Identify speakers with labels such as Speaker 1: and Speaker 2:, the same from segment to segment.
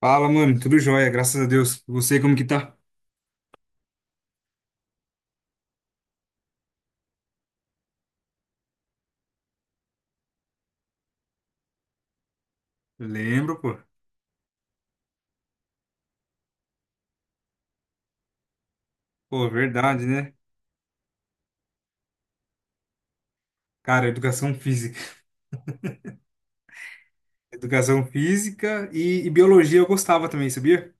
Speaker 1: Fala, mano, tudo jóia, graças a Deus. Você como que tá? Lembro, pô. Pô, verdade, né? Cara, educação física. Educação física e biologia eu gostava também, sabia?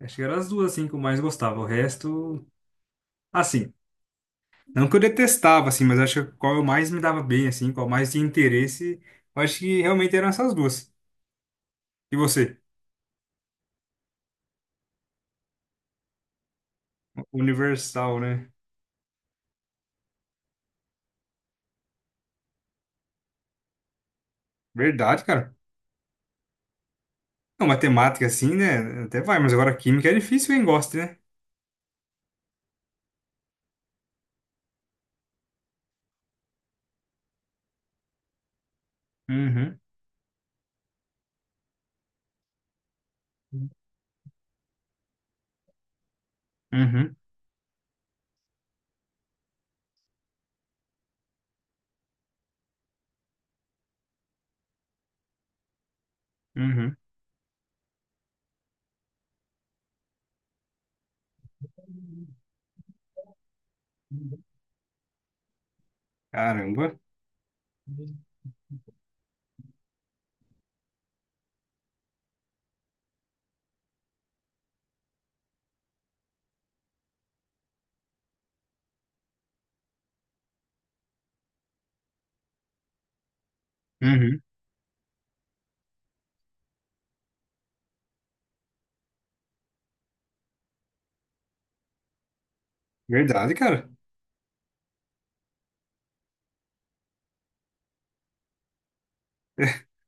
Speaker 1: Acho que eram as duas, assim, que eu mais gostava. O resto, assim, não que eu detestava, assim, mas acho que qual eu mais me dava bem, assim, qual mais tinha interesse, eu acho que realmente eram essas duas. E você? Universal, né? Verdade, cara. Não, matemática, assim, né? Até vai, mas agora química é difícil quem gosta, né? Uhum, uhum, uhum. Caramba. Uhum. Verdade, cara.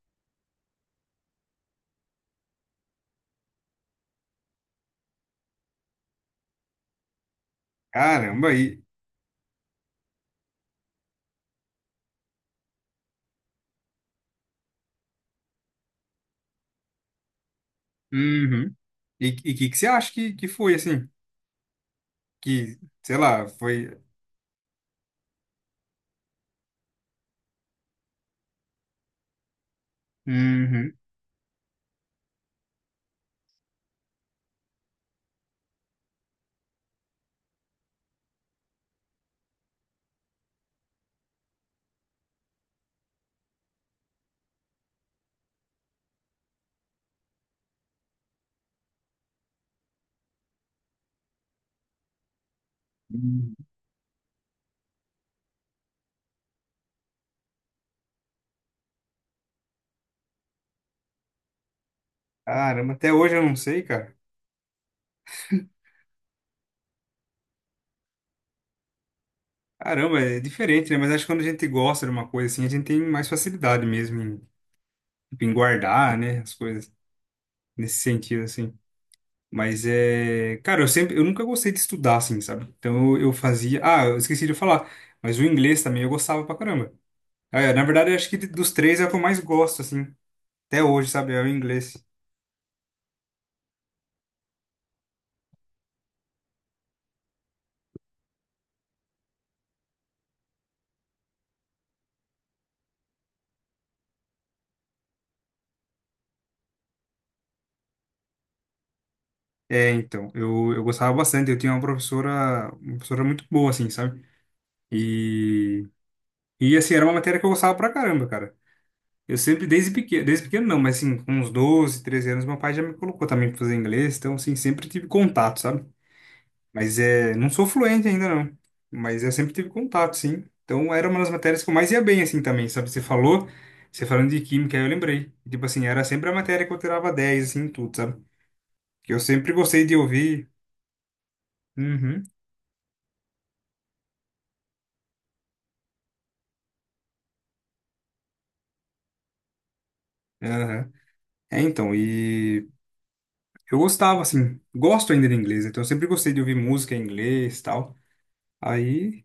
Speaker 1: Caramba, e uhum. E o que você acha que foi assim? Que, sei lá, foi. Uhum. Uhum. Caramba, até hoje eu não sei, cara. Caramba, é diferente, né? Mas acho que quando a gente gosta de uma coisa assim, a gente tem mais facilidade mesmo em, tipo, em guardar, né? As coisas nesse sentido, assim. Mas é. Cara, eu sempre. Eu nunca gostei de estudar, assim, sabe? Então eu fazia. Ah, eu esqueci de falar. Mas o inglês também eu gostava pra caramba. Ah, É, na verdade, eu acho que dos três é o que eu mais gosto, assim, até hoje, sabe? É o inglês. É, então, eu gostava bastante. Eu tinha uma professora muito boa, assim, sabe? E, e, assim, era uma matéria que eu gostava pra caramba, cara. Eu sempre, desde pequeno não, mas, assim, com uns 12 13 anos, meu pai já me colocou também pra fazer inglês. Então, assim, sempre tive contato, sabe? Mas é, não sou fluente ainda não, mas eu sempre tive contato, sim. Então era uma das matérias que eu mais ia bem assim também, sabe? Você falou, você falando de química, aí eu lembrei. Tipo assim, era sempre a matéria que eu tirava 10 assim, em tudo, sabe? Que eu sempre gostei de ouvir. Uhum. Aham. É, então, e eu gostava assim, gosto ainda de inglês, então eu sempre gostei de ouvir música em inglês, e tal. Aí,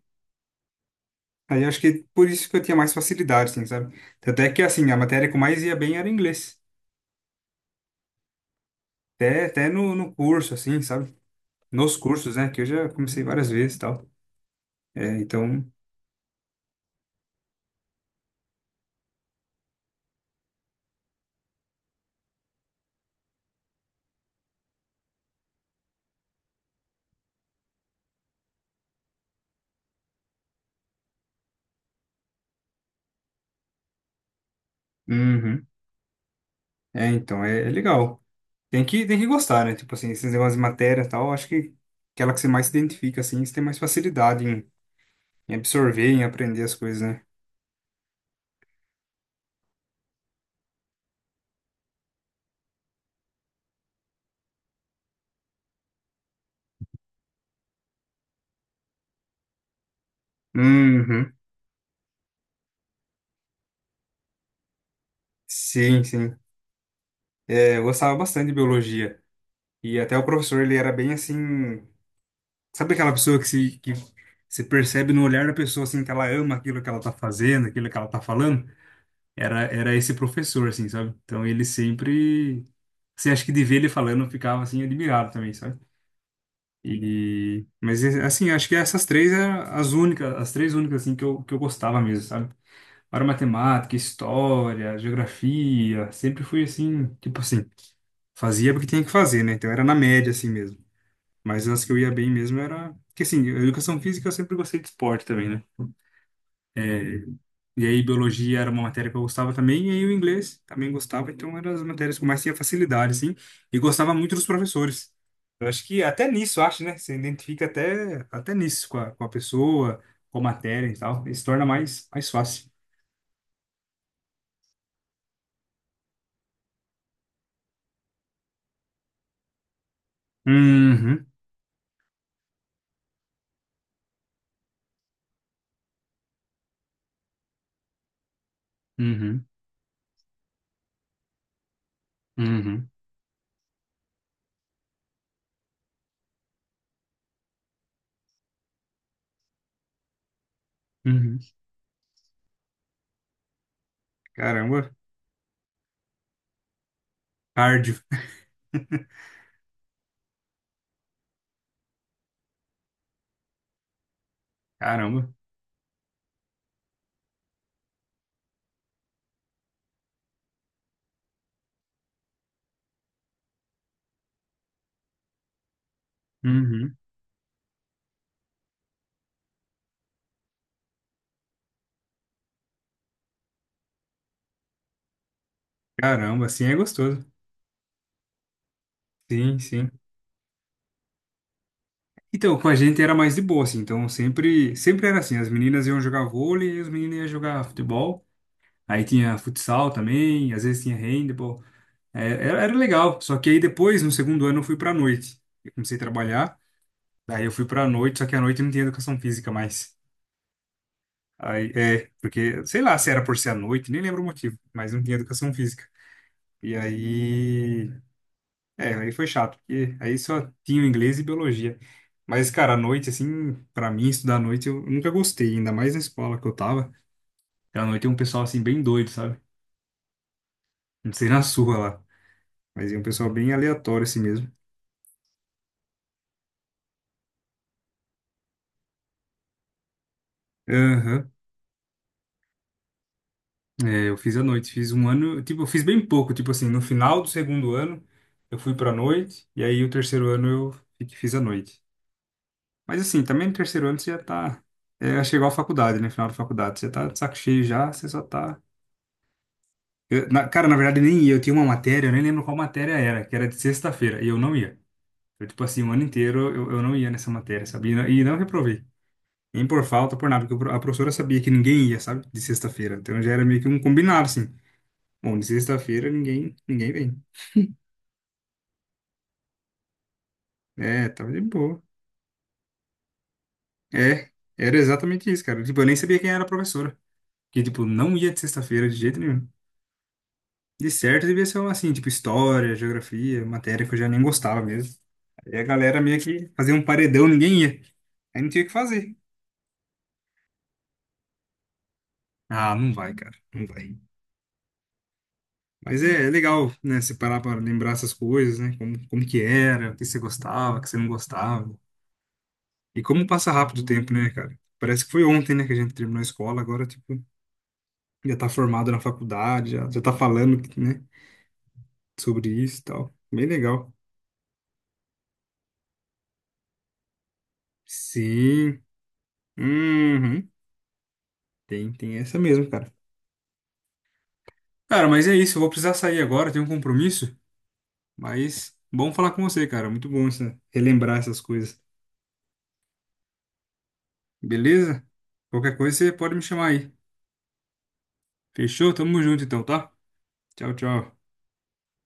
Speaker 1: aí acho que por isso que eu tinha mais facilidade, assim, sabe? Tanto é que assim, a matéria que eu mais ia bem era inglês. Até no, no curso, assim, sabe? Nos cursos, né? Que eu já comecei várias vezes e tal. É, então, uhum. É, então, é, é legal. Tem que gostar, né? Tipo assim, esses negócios de matéria e tal, acho que aquela que você mais se identifica, assim, você tem mais facilidade em, em absorver, em aprender as coisas, né? Uhum. Sim, sim. É, eu gostava bastante de biologia. E até o professor, ele era bem assim. Sabe aquela pessoa que se percebe no olhar da pessoa, assim, que ela ama aquilo que ela tá fazendo, aquilo que ela tá falando? Era, era esse professor, assim, sabe? Então ele sempre, assim, acho que de ver ele falando eu ficava, assim, admirado também, sabe? E, mas, assim, acho que essas três eram as únicas, as três únicas, assim, que eu gostava mesmo, sabe? Para matemática, história, geografia, sempre fui, assim, tipo assim, fazia porque tinha que fazer, né? Então era na média, assim mesmo. Mas as que eu ia bem mesmo era, que assim, a educação física eu sempre gostei de esporte também, né? É, e aí, biologia era uma matéria que eu gostava também, e aí o inglês também gostava, então eram as matérias que eu mais tinha facilidade, assim, e gostava muito dos professores. Eu acho que até nisso, eu acho, né? Você identifica até nisso com a pessoa, com a matéria e tal, e se torna mais fácil. Uhum, uhum, uhum, uhum. Caramba, cardio, caramba, uhum, caramba, assim é gostoso. Sim, sim. Então, com a gente era mais de boa, assim. Então, sempre era assim. As meninas iam jogar vôlei e os meninos iam jogar futebol. Aí tinha futsal também, às vezes tinha handball. É, era, era legal. Só que aí depois, no segundo ano, eu fui pra noite. Eu comecei a trabalhar, daí eu fui pra noite, só que à noite não tinha educação física mais. Aí, é, porque, sei lá se era por ser à noite, nem lembro o motivo, mas não tinha educação física. E aí, é, aí foi chato, porque aí só tinha inglês e biologia. Mas, cara, à noite, assim, pra mim, estudar à noite eu nunca gostei, ainda mais na escola que eu tava. Porque à noite é um pessoal, assim, bem doido, sabe? Não sei na sua lá. Mas é um pessoal bem aleatório assim mesmo. Aham. É, eu fiz à noite, fiz um ano, tipo, eu fiz bem pouco, tipo assim, no final do segundo ano eu fui pra noite, e aí o terceiro ano eu fiz à noite. Mas assim, também no terceiro ano você já tá, é, chegou à faculdade, né, final da faculdade, você tá de saco cheio já, você só tá... cara, na verdade nem ia, eu tinha uma matéria, eu nem lembro qual matéria era, que era de sexta-feira, e eu não ia. Eu, tipo assim, o ano inteiro eu não ia nessa matéria, sabia? E não reprovei. Nem por falta, por nada, porque a professora sabia que ninguém ia, sabe? De sexta-feira. Então já era meio que um combinado, assim. Bom, de sexta-feira ninguém vem. É, tava de boa. É, era exatamente isso, cara. Tipo, eu nem sabia quem era a professora. Que, tipo, não ia de sexta-feira de jeito nenhum. De certo, devia ser, uma, assim, tipo, história, geografia, matéria que eu já nem gostava mesmo. Aí a galera meio que fazia um paredão, ninguém ia. Aí não tinha o que fazer. Ah, não vai, cara. Não vai. Mas é, é legal, né? Você parar para lembrar essas coisas, né? Como que era, o que você gostava, o que você não gostava. E como passa rápido o tempo, né, cara? Parece que foi ontem, né, que a gente terminou a escola, agora, tipo, já tá formado na faculdade, já tá falando, né, sobre isso e tal. Bem legal. Sim. Uhum. Tem essa mesmo, cara. Cara, mas é isso, eu vou precisar sair agora, tenho um compromisso, mas bom falar com você, cara. Muito bom isso, né? Relembrar essas coisas. Beleza? Qualquer coisa você pode me chamar aí. Fechou? Tamo junto então, tá? Tchau, tchau.